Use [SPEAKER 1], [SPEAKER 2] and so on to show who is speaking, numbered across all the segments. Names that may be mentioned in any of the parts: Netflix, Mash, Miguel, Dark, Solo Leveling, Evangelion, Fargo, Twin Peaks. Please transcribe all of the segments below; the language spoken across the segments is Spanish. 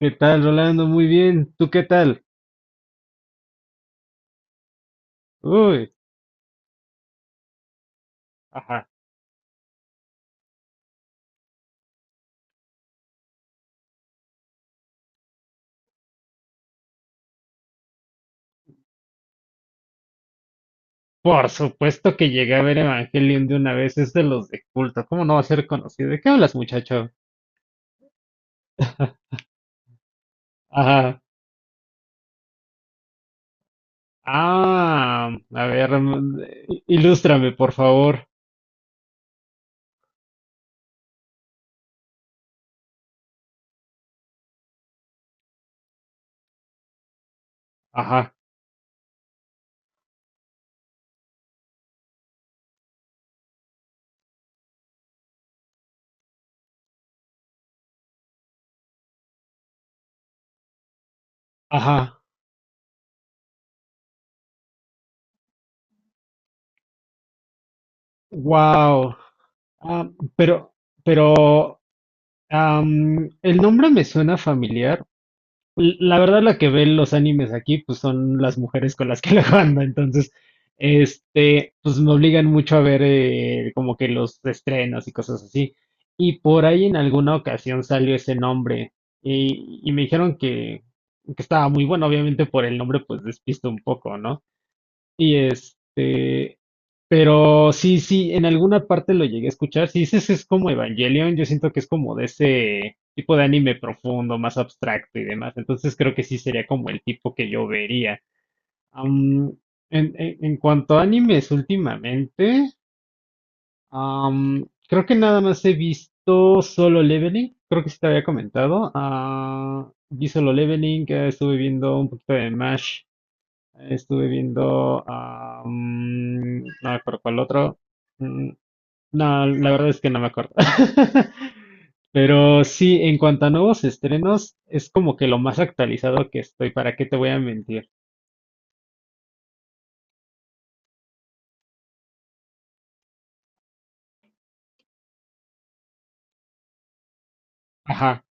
[SPEAKER 1] ¿Qué tal, Rolando? Muy bien. ¿Tú qué tal? Uy, ajá. Por supuesto que llegué a ver Evangelion de una vez, es de los de culto. ¿Cómo no va a ser conocido? ¿De qué hablas, muchacho? Ajá. Ah, a ver, ilústrame, por favor. Ajá, ajá. Wow. Ah, pero, pero, el nombre me suena familiar. La verdad, la que ve los animes aquí, pues son las mujeres con las que la ando, entonces, este, pues me obligan mucho a ver como que los estrenos y cosas así. Y por ahí en alguna ocasión salió ese nombre y me dijeron que estaba muy bueno, obviamente por el nombre pues despisto un poco, ¿no? Y este, pero sí, sí, en alguna parte lo llegué a escuchar. Si dices es como Evangelion, yo siento que es como de ese tipo de anime profundo, más abstracto y demás. Entonces creo que sí sería como el tipo que yo vería. Am, en cuanto a animes últimamente, creo que nada más he visto Solo Leveling. Creo que sí te había comentado. Ah, vi Solo Leveling, estuve viendo un poquito de Mash, estuve viendo, no me acuerdo cuál otro. Mm, no, la verdad es que no me acuerdo. Pero sí, en cuanto a nuevos estrenos, es como que lo más actualizado que estoy, ¿para qué te voy a mentir? Ajá.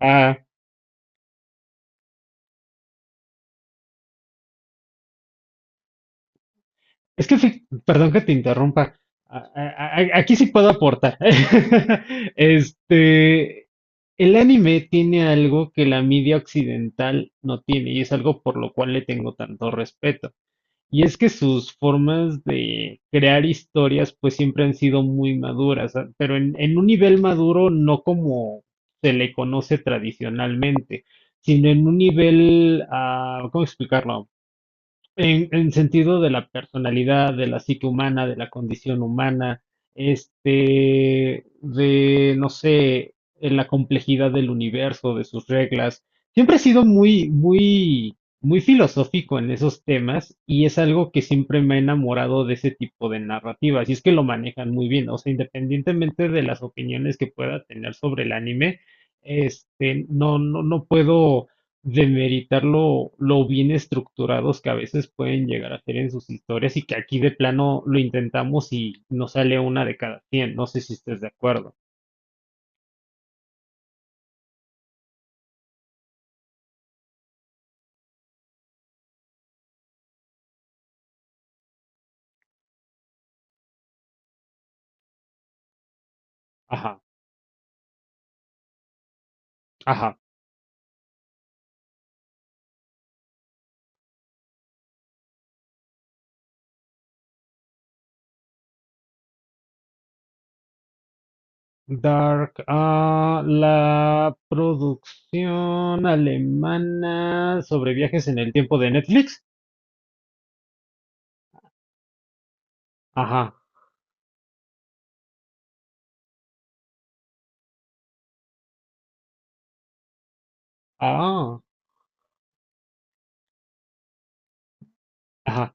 [SPEAKER 1] Ah, es que, perdón que te interrumpa. Ah, ah, ah, aquí sí puedo aportar. Este, el anime tiene algo que la media occidental no tiene y es algo por lo cual le tengo tanto respeto. Y es que sus formas de crear historias pues siempre han sido muy maduras, ah, pero en un nivel maduro no como se le conoce tradicionalmente, sino en un nivel, ah, ¿cómo explicarlo? En sentido de la personalidad, de la psique humana, de la condición humana, este, de, no sé, en la complejidad del universo, de sus reglas. Siempre he sido muy, muy, muy filosófico en esos temas y es algo que siempre me ha enamorado de ese tipo de narrativas. Y es que lo manejan muy bien, o sea, independientemente de las opiniones que pueda tener sobre el anime, este, no, no, no puedo demeritar lo bien estructurados que a veces pueden llegar a ser en sus historias y que aquí de plano lo intentamos y no sale una de cada cien. No sé si estés de acuerdo. Ajá, ajá. Dark, ah, la producción alemana sobre viajes en el tiempo de Netflix. Ajá, ah, ajá,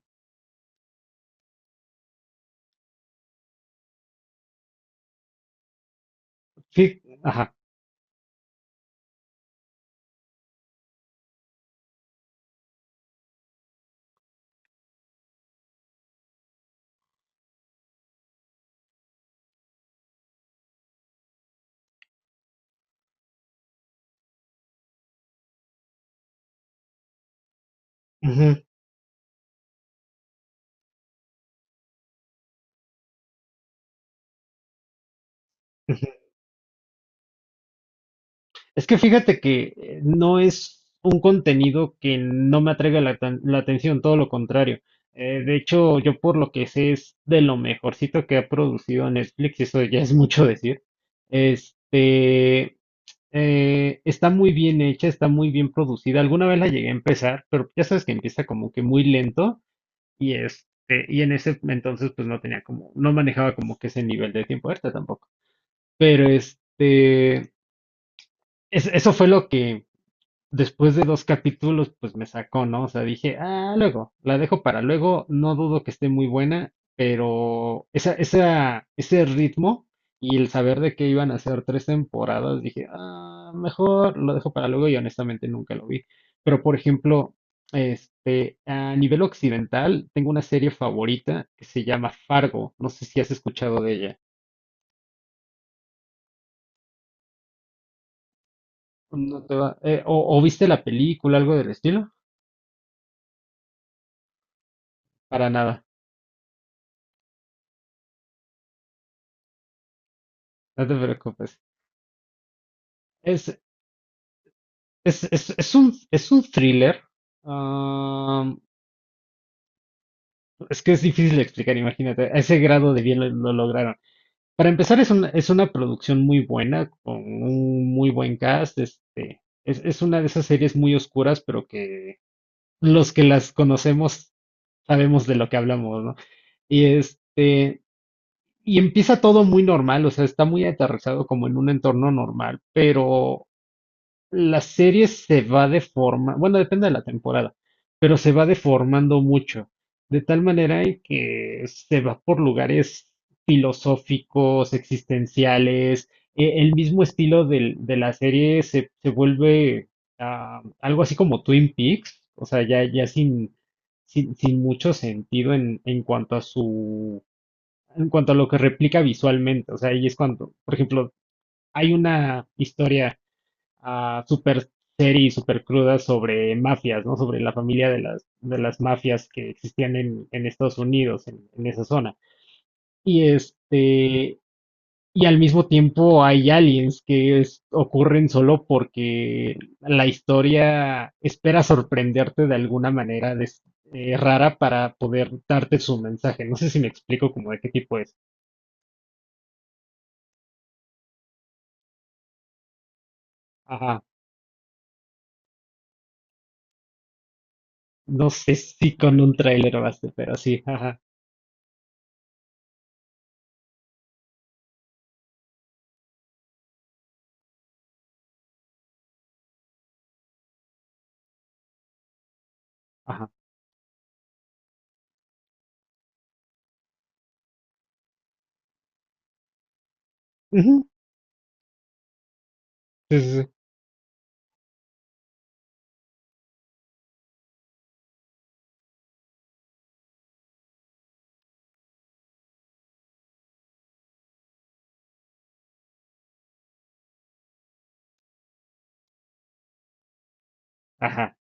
[SPEAKER 1] sí, ajá. Ujú. Es que fíjate que no es un contenido que no me atraiga la atención, todo lo contrario. De hecho, yo por lo que sé es de lo mejorcito que ha producido Netflix, y eso ya es mucho decir. Este, está muy bien hecha, está muy bien producida. Alguna vez la llegué a empezar, pero ya sabes que empieza como que muy lento y este, y en ese entonces pues no tenía como, no manejaba como que ese nivel de tiempo ahorita tampoco. Pero este, eso fue lo que después de dos capítulos, pues me sacó, ¿no? O sea, dije, ah, luego, la dejo para luego, no dudo que esté muy buena, pero ese ritmo y el saber de que iban a ser tres temporadas, dije, ah, mejor lo dejo para luego y honestamente nunca lo vi. Pero, por ejemplo, este, a nivel occidental, tengo una serie favorita que se llama Fargo, no sé si has escuchado de ella. No te o viste la película, algo del estilo. Para nada, no te preocupes. Es, es un thriller. Ah, es que es difícil de explicar, imagínate. A ese grado de bien lo lograron. Para empezar, es una producción muy buena, con un muy buen cast. Este, es una de esas series muy oscuras, pero que los que las conocemos sabemos de lo que hablamos, ¿no? Y este, y empieza todo muy normal, o sea, está muy aterrizado como en un entorno normal, pero la serie se va deformando, bueno, depende de la temporada, pero se va deformando mucho, de tal manera en que se va por lugares filosóficos, existenciales, el mismo estilo de la serie se vuelve ah, algo así como Twin Peaks, o sea, ya, ya sin, mucho sentido en cuanto a lo que replica visualmente, o sea, ahí es cuando, por ejemplo, hay una historia a super serie super cruda sobre mafias, ¿no? Sobre la familia de las mafias que existían en Estados Unidos, esa zona. Y este, y al mismo tiempo hay aliens que es, ocurren solo porque la historia espera sorprenderte de alguna manera de, rara para poder darte su mensaje. No sé si me explico como de qué tipo es. Ajá. No sé si con un tráiler baste, pero sí, ajá, ajá. Uh -huh. Sí, sí, sí. Ajá,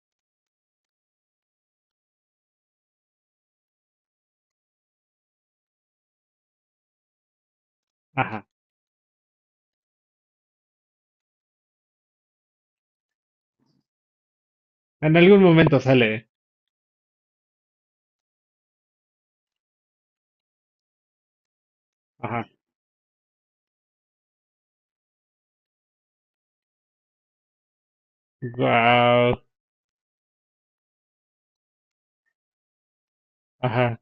[SPEAKER 1] ajá. En algún momento sale. Ajá. Wow. Ajá.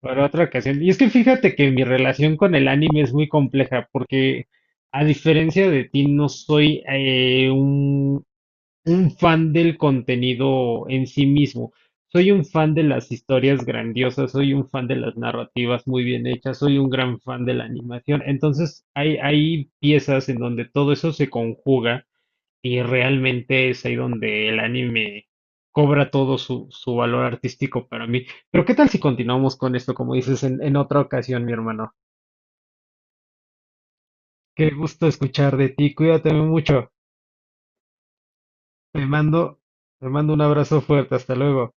[SPEAKER 1] Para otra ocasión. Y es que fíjate que mi relación con el anime es muy compleja porque a diferencia de ti no soy un fan del contenido en sí mismo. Soy un fan de las historias grandiosas, soy un fan de las narrativas muy bien hechas, soy un gran fan de la animación. Entonces hay piezas en donde todo eso se conjuga. Y realmente es ahí donde el anime cobra todo su valor artístico para mí. Pero ¿qué tal si continuamos con esto, como dices, en otra ocasión, mi hermano? Qué gusto escuchar de ti. Cuídate mucho. Te mando, te mando un abrazo fuerte. Hasta luego.